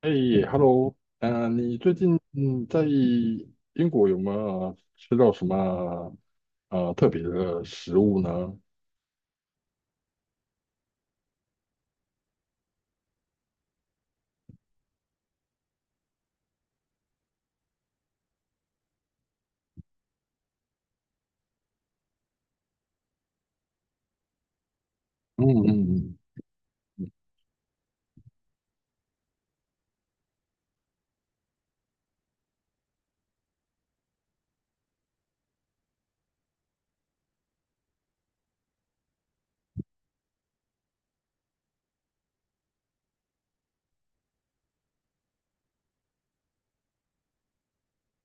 哎，Hello，你最近在英国有没有吃到什么特别的食物呢？嗯嗯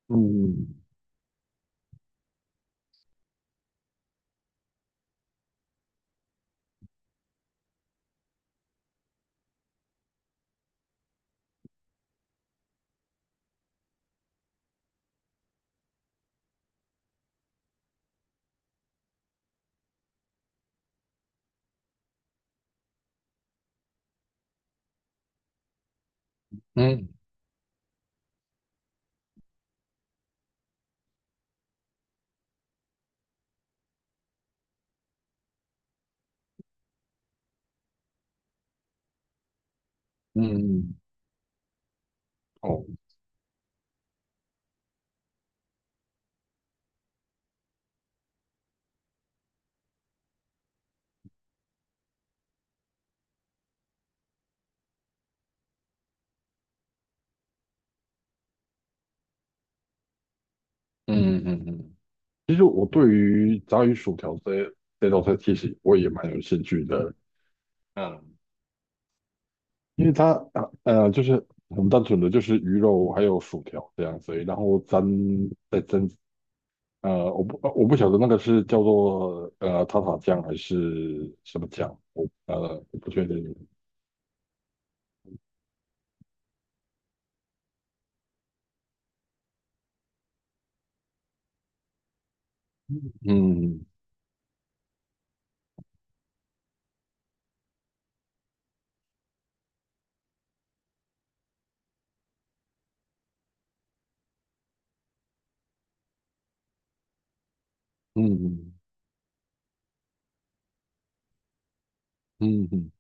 嗯嗯嗯嗯，哦。嗯嗯嗯。其实我对于炸鱼薯条这道菜，其实我也蛮有兴趣的。嗯。因为它就是很单纯的就是鱼肉还有薯条这样子而已，然后沾，再沾。我不晓得那个是叫做塔塔酱还是什么酱，我不确定。嗯嗯嗯嗯嗯。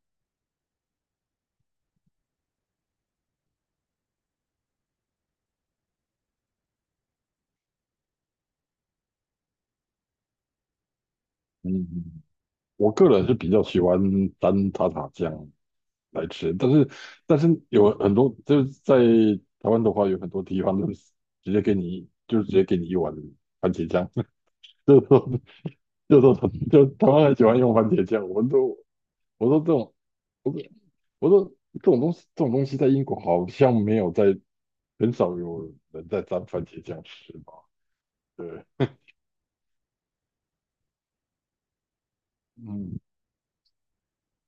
嗯，我个人是比较喜欢沾塔塔酱来吃，但是有很多就是在台湾的话，有很多地方都是直接给你一碗番茄酱，就是说就是说就台湾很喜欢用番茄酱，我说这种我说我说这种东西在英国好像没有在。很少有人在沾番茄酱吃嘛。对。嗯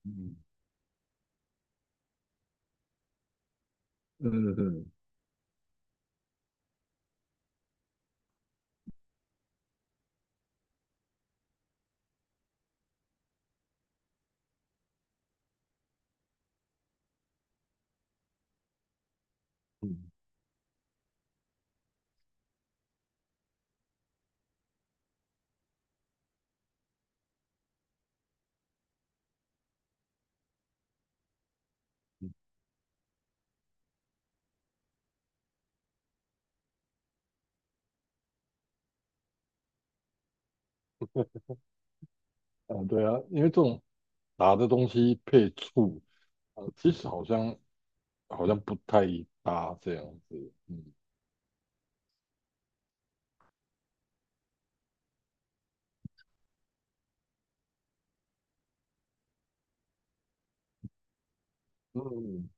嗯嗯嗯，嗯。啊，对啊，因为这种辣的东西配醋，啊，其实好像不太搭这样子。嗯。嗯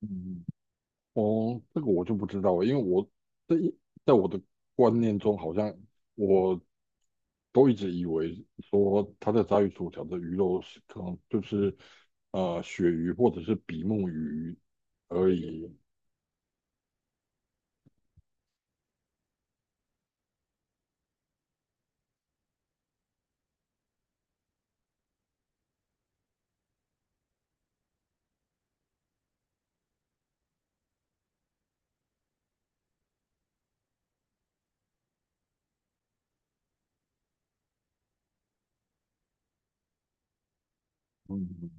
嗯。哦，这个我就不知道了，因为我在一在我的观念中，好像我都一直以为说他在炸鱼薯条的鱼肉是可能就是鳕鱼或者是比目鱼而已。嗯。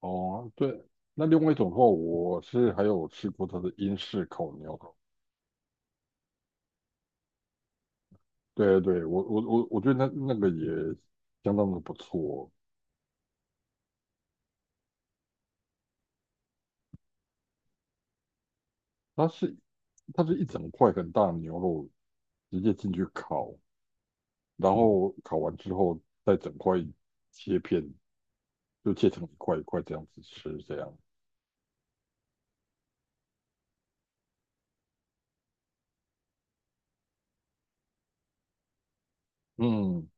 哦，对，那另外一种的话，我是还有吃过它的英式烤牛肉。对对，我觉得那个也相当的不错。它是一整块很大的牛肉直接进去烤，然后烤完之后再整块切片，就切成一块一块这样子吃，这样。嗯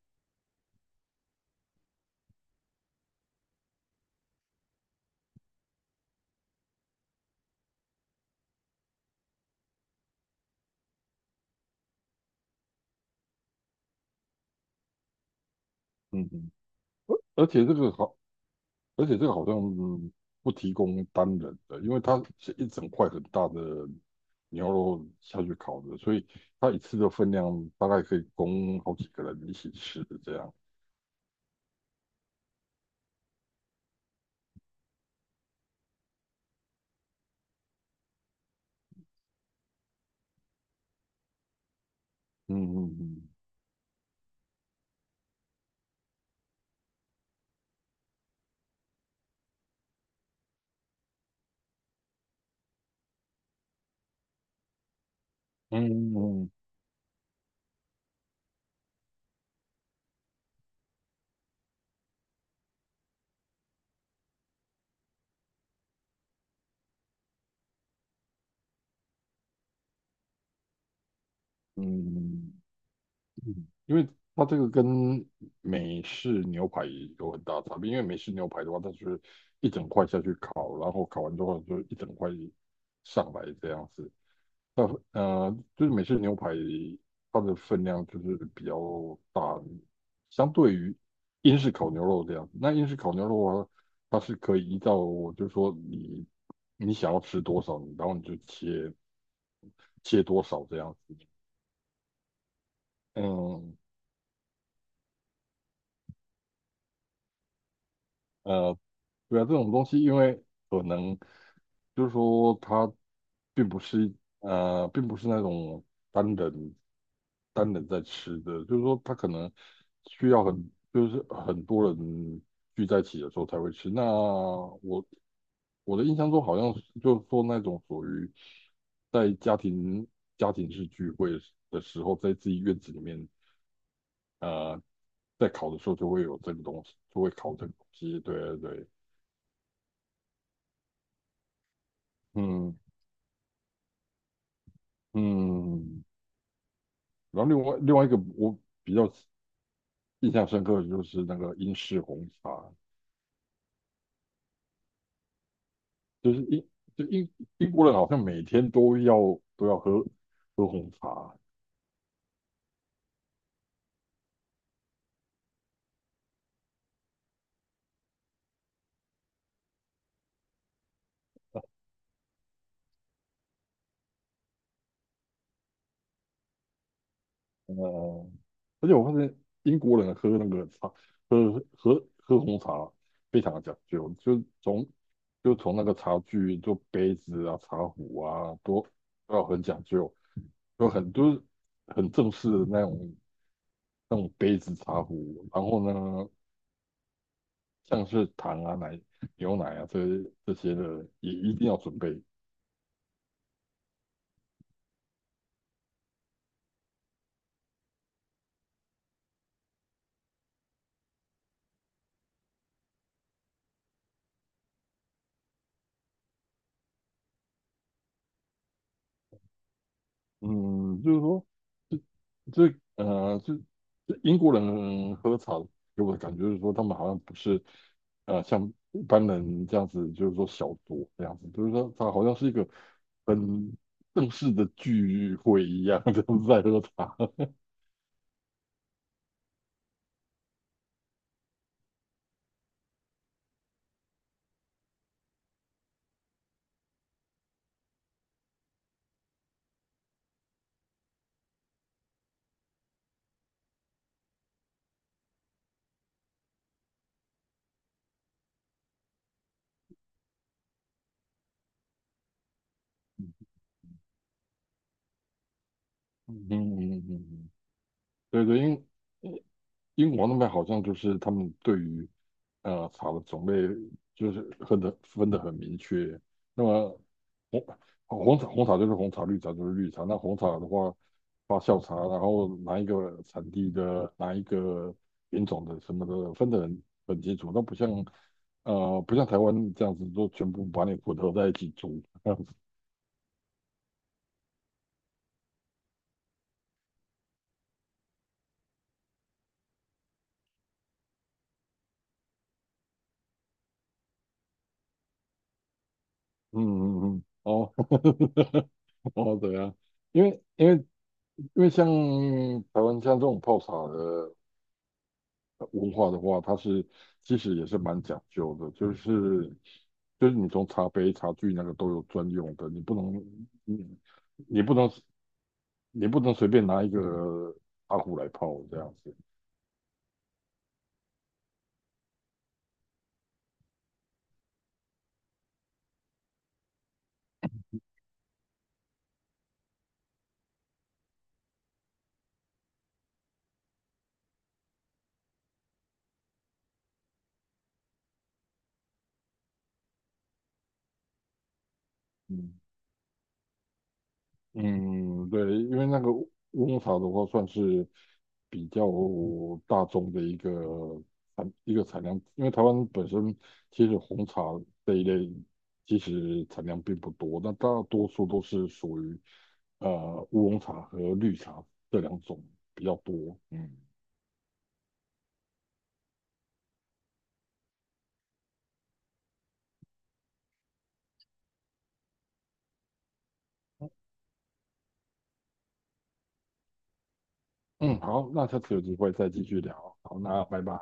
嗯嗯。而且这个好而且这个好像不提供单人的，因为它是一整块很大的牛肉下去烤的，所以它一次的分量大概可以供好几个人一起吃的，这样。嗯嗯嗯嗯嗯嗯。因为它这个跟美式牛排有很大差别，因为美式牛排的话，它就是一整块下去烤，然后烤完之后就一整块上来这样子。那就是美式牛排它的分量就是比较大，相对于英式烤牛肉这样。那英式烤牛肉啊，它是可以依照就是说你想要吃多少，然后你就切多少这样子。嗯。呃，对啊，这种东西因为可能就是说它并不是，并不是那种单人单人在吃的，就是说它可能需要很就是很多人聚在一起的时候才会吃。那我的印象中好像是就是说那种属于在家庭式聚会的时候，在自己院子里面，呃，在烤的时候就会有这个东西，就会烤这个东西。对对对。嗯嗯。然后另外一个我比较印象深刻的就是那个英式红茶，就是英就英英国人好像每天都要喝红茶。呃，而且我发现英国人喝那个茶喝喝喝红茶非常的讲究，就从那个茶具做杯子啊、茶壶啊都要很讲究，有很多很正式的那种杯子茶壶，然后呢。像是糖啊、牛奶啊这些的，也一定要准备。嗯，就是说，这呃，这这英国人喝茶给我的感觉就是说，他们好像不是像一般人这样子，就是说小酌这样子，就是说他好像是一个很正式的聚会一样，就是在喝茶。嗯嗯嗯嗯。嗯，对对，英国那边好像就是他们对于茶的种类就是分的很明确。那么红红茶就是红茶，绿茶就是绿茶。那红茶的话，发酵茶，然后哪一个产地的哪一个品种的什么的，分的很清楚。那不像台湾这样子，都全部把你混合在一起煮。嗯嗯嗯。哦。 哦，对啊，因为像台湾像这种泡茶的。文化的话，它是其实也是蛮讲究的，就是你从茶杯、茶具那个都有专用的，你你不能你不能随便拿一个茶壶来泡这样子。嗯嗯。对，因为那个乌龙茶的话，算是比较大众的一个一个产量，因为台湾本身其实红茶这一类其实产量并不多，那大多数都是属于乌龙茶和绿茶这两种比较多。嗯。嗯，好，那下次有机会再继续聊。好，那拜拜。